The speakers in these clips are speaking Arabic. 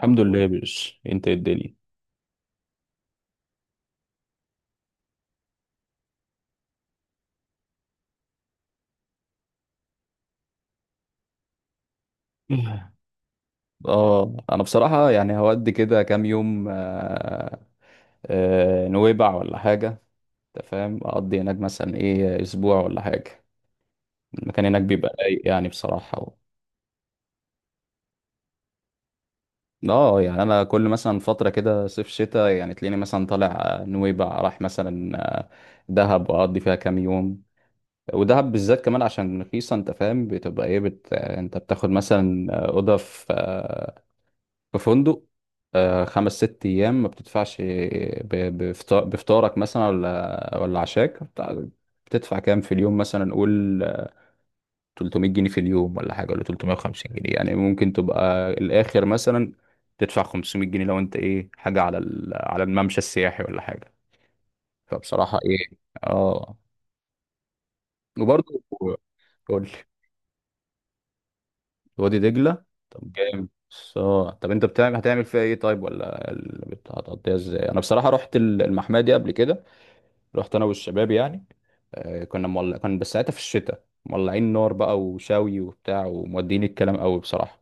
الحمد لله يا باشا، انت ايه الدنيا؟ إيه. اه، انا بصراحة هودي كده كام يوم. نويبع ولا حاجة. انت فاهم، اقضي هناك مثلا ايه، اسبوع ولا حاجة. المكان هناك بيبقى رايق يعني بصراحة اه يعني انا كل مثلا فترة كده صيف شتاء يعني تلاقيني مثلا طالع نويبع، راح مثلا دهب واقضي فيها كام يوم. ودهب بالذات كمان عشان رخيصة. انت فاهم، بتبقى ايه بت... آه، انت بتاخد مثلا اوضة في في فندق خمس ست أيام ما بتدفعش بفطارك مثلا ولا عشاك بتدفع كام في اليوم مثلا، قول 300 جنيه في اليوم ولا حاجة، ولا 350 جنيه. يعني ممكن تبقى الآخر مثلا تدفع 500 جنيه لو أنت إيه، حاجة على الممشى السياحي ولا حاجة. فبصراحة إيه، آه. وبرضه قول، وادي دجلة. طب جامد. بس اه، طب انت هتعمل فيها ايه طيب؟ هتقضيها ازاي؟ انا بصراحة رحت المحمية دي قبل كده. رحت انا والشباب يعني كنا مولع، كان بس ساعتها في الشتاء، مولعين نار بقى وشاوي وبتاع، ومودين الكلام قوي بصراحة.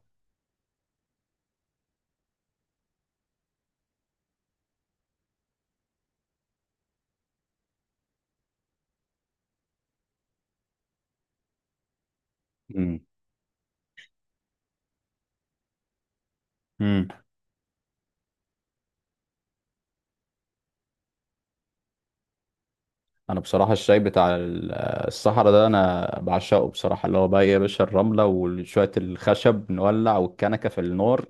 امم. امم. انا بصراحة الشاي بتاع الصحراء ده انا بعشقه بصراحة، اللي هو بقى إيه يا باشا، الرملة وشوية الخشب نولع والكنكة في النار.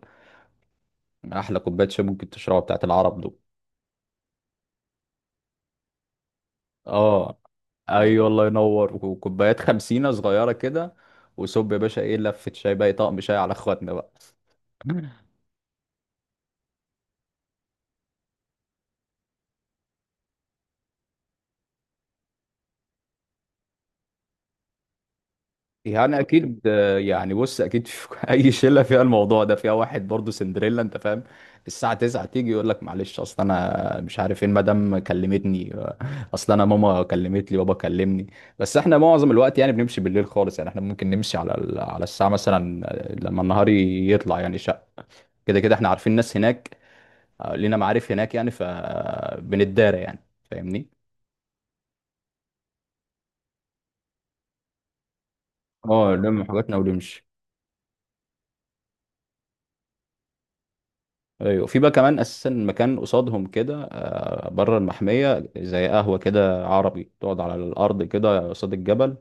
احلى كوباية شاي ممكن تشربها بتاعت العرب دول. اه. ايوه، الله ينور، وكوبايات خمسينة صغيرة كده. وصب يا باشا، ايه، لفة شاي بقى، طقم شاي على اخواتنا بقى. يعني اكيد آه، يعني بص، اكيد في اي شله فيها الموضوع ده فيها واحد برضه سندريلا. انت فاهم، الساعه 9 تيجي يقول لك معلش، اصل انا مش عارف ايه، المدام كلمتني اصل انا ماما كلمت لي، بابا كلمني. بس احنا معظم الوقت يعني بنمشي بالليل خالص. يعني احنا ممكن نمشي على الساعه مثلا لما النهار يطلع يعني شق. كده كده احنا عارفين ناس هناك لينا معارف هناك يعني، فبنتدارى يعني. فاهمني. اه نلم حاجاتنا ونمشي. ايوه، في بقى كمان اساسا مكان قصادهم كده بره المحميه، زي قهوه كده عربي، تقعد على الارض كده قصاد الجبل.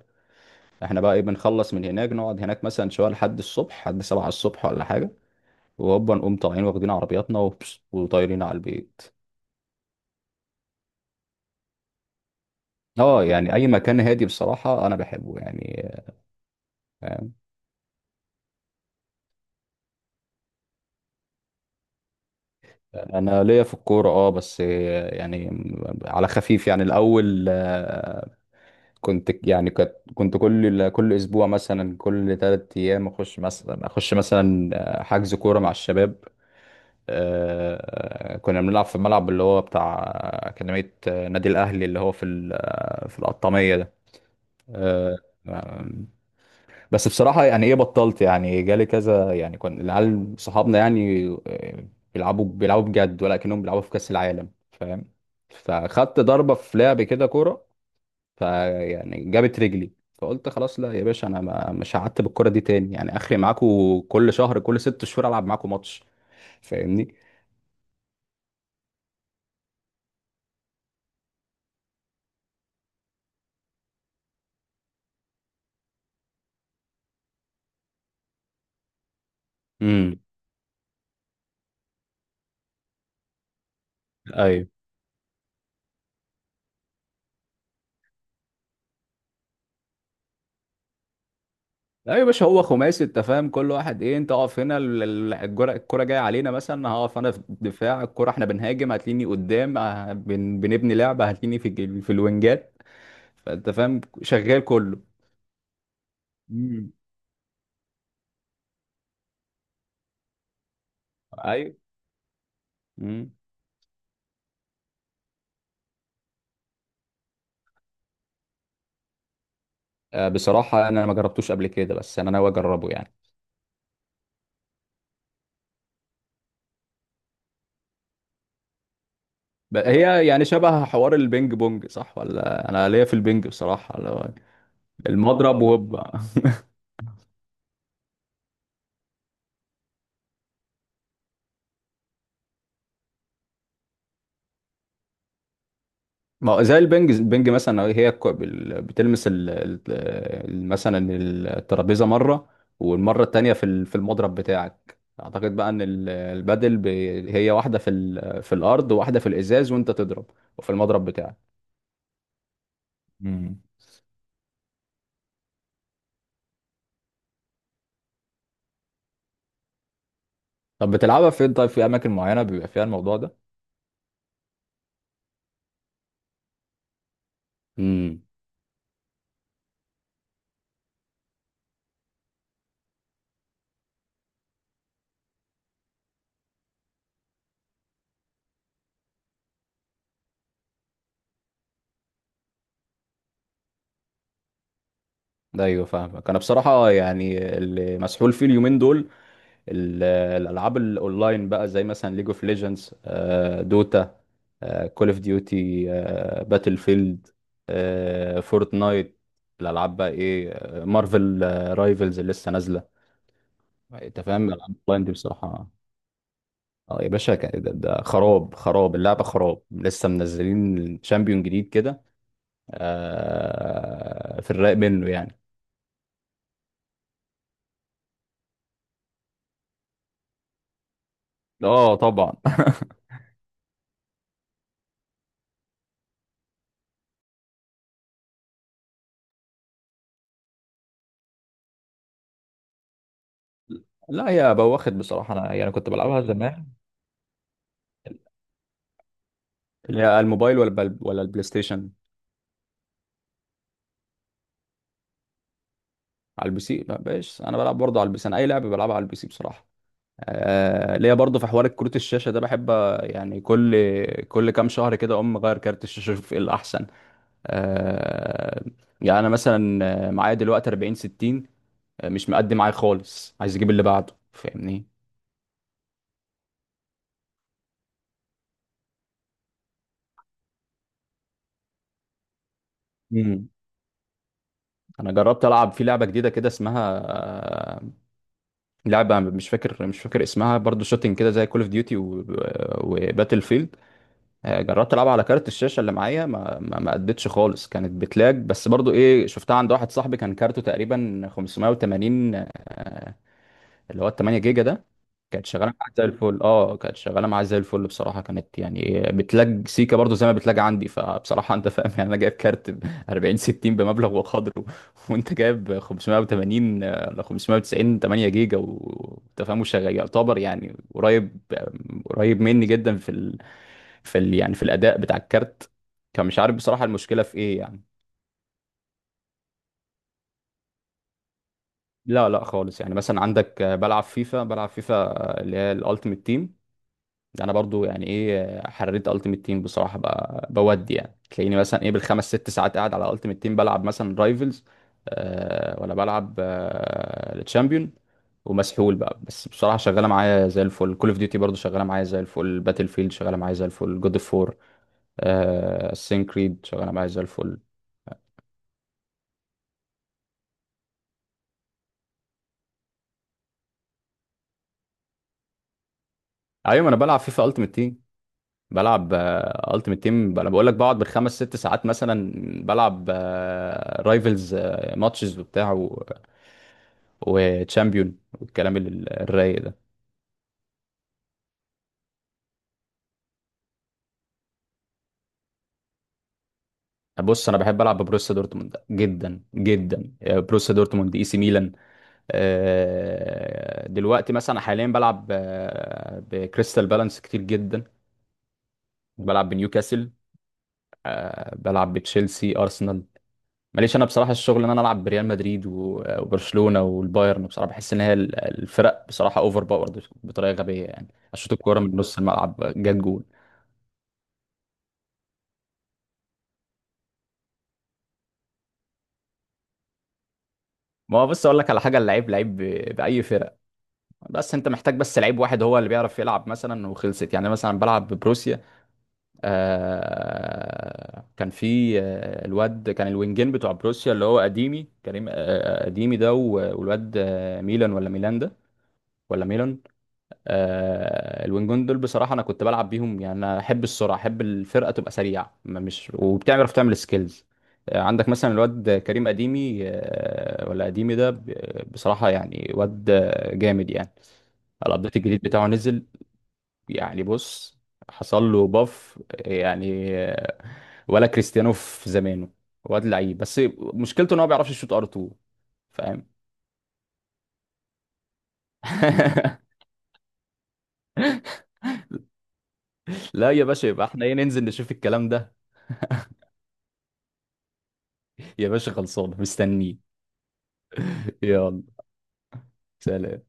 احنا بقى ايه، بنخلص من هناك نقعد هناك مثلا شويه لحد الصبح، لحد سبعة الصبح ولا حاجه. وهوبا نقوم طالعين، واخدين عربياتنا وبس، وطايرين على البيت. اه يعني اي مكان هادي بصراحه انا بحبه يعني. آه. انا ليا في الكوره اه، بس يعني على خفيف يعني. الاول كنت يعني، كنت كل اسبوع مثلا، كل ثلاث ايام اخش مثلا، حجز كوره مع الشباب. كنا بنلعب في الملعب اللي هو بتاع اكاديميه نادي الاهلي، اللي هو في القطاميه ده. آه، بس بصراحة يعني ايه، بطلت، يعني جالي كذا يعني، كان العيال صحابنا يعني بيلعبوا بجد، ولكنهم بيلعبوا في كأس العالم، فاهم؟ فخدت ضربة في لعب كده كورة، فيعني جابت رجلي، فقلت خلاص، لا يا باشا انا ما مش قعدت بالكورة دي تاني يعني. اخري معاكوا كل شهر، كل ست شهور العب معاكوا ماتش. فاهمني. امم. لا يا باشا، هو خماسي. انت فاهم، كل واحد ايه، انت اقف هنا، الكرة جايه علينا مثلا، هقف انا في الدفاع، الكرة احنا بنهاجم هتلاقيني قدام اه، بنبني لعبة هتلاقيني في الوينجات. فانت فاهم، شغال كله. امم. ايوه. امم. آه، بصراحة انا ما جربتوش قبل كده، بس انا ناوي اجربه يعني. هي يعني شبه حوار البينج بونج، صح؟ ولا انا ليا في البينج بصراحة، اللي هو المضرب وهوب. ما هو زي البنج مثلا، هي بتلمس مثلا الترابيزه مره، والمره التانيه في في المضرب بتاعك. اعتقد بقى ان البادل هي واحده في في الارض، وواحده في الازاز وانت تضرب، وفي المضرب بتاعك. مم. طب بتلعبها فين طيب؟ في اماكن معينه بيبقى فيها الموضوع ده؟ امم. ده ايوه، فاهمك. انا بصراحه يعني اللي مسحول فيه اليومين دول الالعاب الاونلاين بقى، زي مثلا ليج اوف ليجندز، دوتا، كول اوف ديوتي، باتل فيلد، فورتنايت، الالعاب بقى ايه، مارفل رايفلز اللي لسه نازله. انت فاهم الالعاب الاونلاين دي بصراحه. اه يا باشا، ده خراب اللعبه، خراب، لسه منزلين شامبيون جديد كده في الرايق منه يعني. اه طبعا. لا، هي بواخد بصراحه، انا يعني كنت بلعبها زمان. اللي هي الموبايل ولا البلاي ستيشن؟ على البي سي. ما بقاش، انا بلعب برضه على البي سي. انا اي لعبه بلعبها على البي سي بصراحه. آه ليا برضه في حوار كروت الشاشه ده، بحب آه، يعني كل كام شهر كده اقوم مغير كارت الشاشه، اشوف ايه الاحسن. آه، يعني انا مثلا معايا دلوقتي 40 60 مش مقدي معايا خالص، عايز اجيب اللي بعده. فاهمني. مم. انا جربت العب في لعبه جديده كده اسمها آه، لعبه مش فاكر، اسمها برضو، شوتنج كده زي كول اوف ديوتي وباتل فيلد. جربت العبها على كارت الشاشه اللي معايا، ما ما ما ادتش خالص، كانت بتلاج. بس برضو ايه، شفتها عند واحد صاحبي، كان كارته تقريبا 580، اللي هو ال 8 جيجا ده. كانت شغاله معايا زي الفل. اه، كانت شغاله معايا زي الفل بصراحه، كانت يعني بتلاج سيكا برضو زي ما بتلاج عندي. فبصراحه انت فاهم يعني، انا جايب كارت ب 40 60 بمبلغ وقدره وانت جايب 580 ل 590 8 جيجا، وانت فاهم وشغال، يعتبر يعني قريب، قريب مني جدا يعني في الاداء بتاع الكارت. كان مش عارف بصراحه المشكله في ايه يعني. لا لا خالص، يعني مثلا عندك بلعب فيفا اللي هي الالتيميت تيم، ده انا برضو يعني ايه، حريت التيمت تيم بصراحه بقى بودي. يعني تلاقيني مثلا ايه، بالخمس ست ساعات قاعد على التيمت تيم بلعب مثلا رايفلز، آه، ولا بلعب آه التشامبيون. ومسحول بقى، بس بصراحه شغاله معايا زي الفل، كول اوف ديوتي برضو شغاله معايا زي الفل، باتل فيلد شغاله معايا زي الفل، جود اوف وور آه، كريد، شغاله معايا زي الفل. ايوه، انا بلعب فيفا التيمت تيم، بلعب التيمت تيم. انا بقول لك بقعد بالخمس ست ساعات مثلا بلعب رايفلز، ماتشز وبتاع، وتشامبيون، والكلام الرايق ده. بص انا بحب العب ببروسيا دورتموند جدا جدا. آه، بروسيا دورتموند، اي سي ميلان دلوقتي مثلا حاليا بلعب بكريستال بالانس كتير جدا، بلعب بنيوكاسل بلعب بتشيلسي، ارسنال. ماليش انا بصراحه الشغل ان انا العب بريال مدريد وبرشلونه والبايرن، بصراحه بحس ان هي الفرق بصراحه اوفر باورد بطريقه غبيه يعني. اشوط الكوره من نص الملعب، جت جول. ما هو بص اقول لك على حاجه، اللعيب لعيب باي فرقه، بس انت محتاج بس لعيب واحد هو اللي بيعرف يلعب مثلا وخلصت. يعني مثلا بلعب ببروسيا آه، كان في الواد، كان الوينجين بتوع بروسيا اللي هو قديمي، كريم آه، قديمي ده والواد ميلان ده، ولا ميلان الوينجون دول. بصراحه انا كنت بلعب بيهم، يعني انا احب السرعه، احب الفرقه تبقى سريعه، ما- مش وبتعرف تعمل سكيلز. عندك مثلا الواد كريم اديمي آه، ولا اديمي ده ب- بصراحه يعني واد آه، جامد يعني. الابديت الجديد بتاعه نزل. يعني بص، حصل له باف يعني آه، ولا كريستيانو في زمانه، واد لعيب، بس مشكلته ان هو ما بيعرفش يشوط ار 2، فاهم؟ لا يا باشا، يبقى احنا ايه، ننزل نشوف الكلام ده. يا باشا خلصانه، مستنيه. يلا. سلام.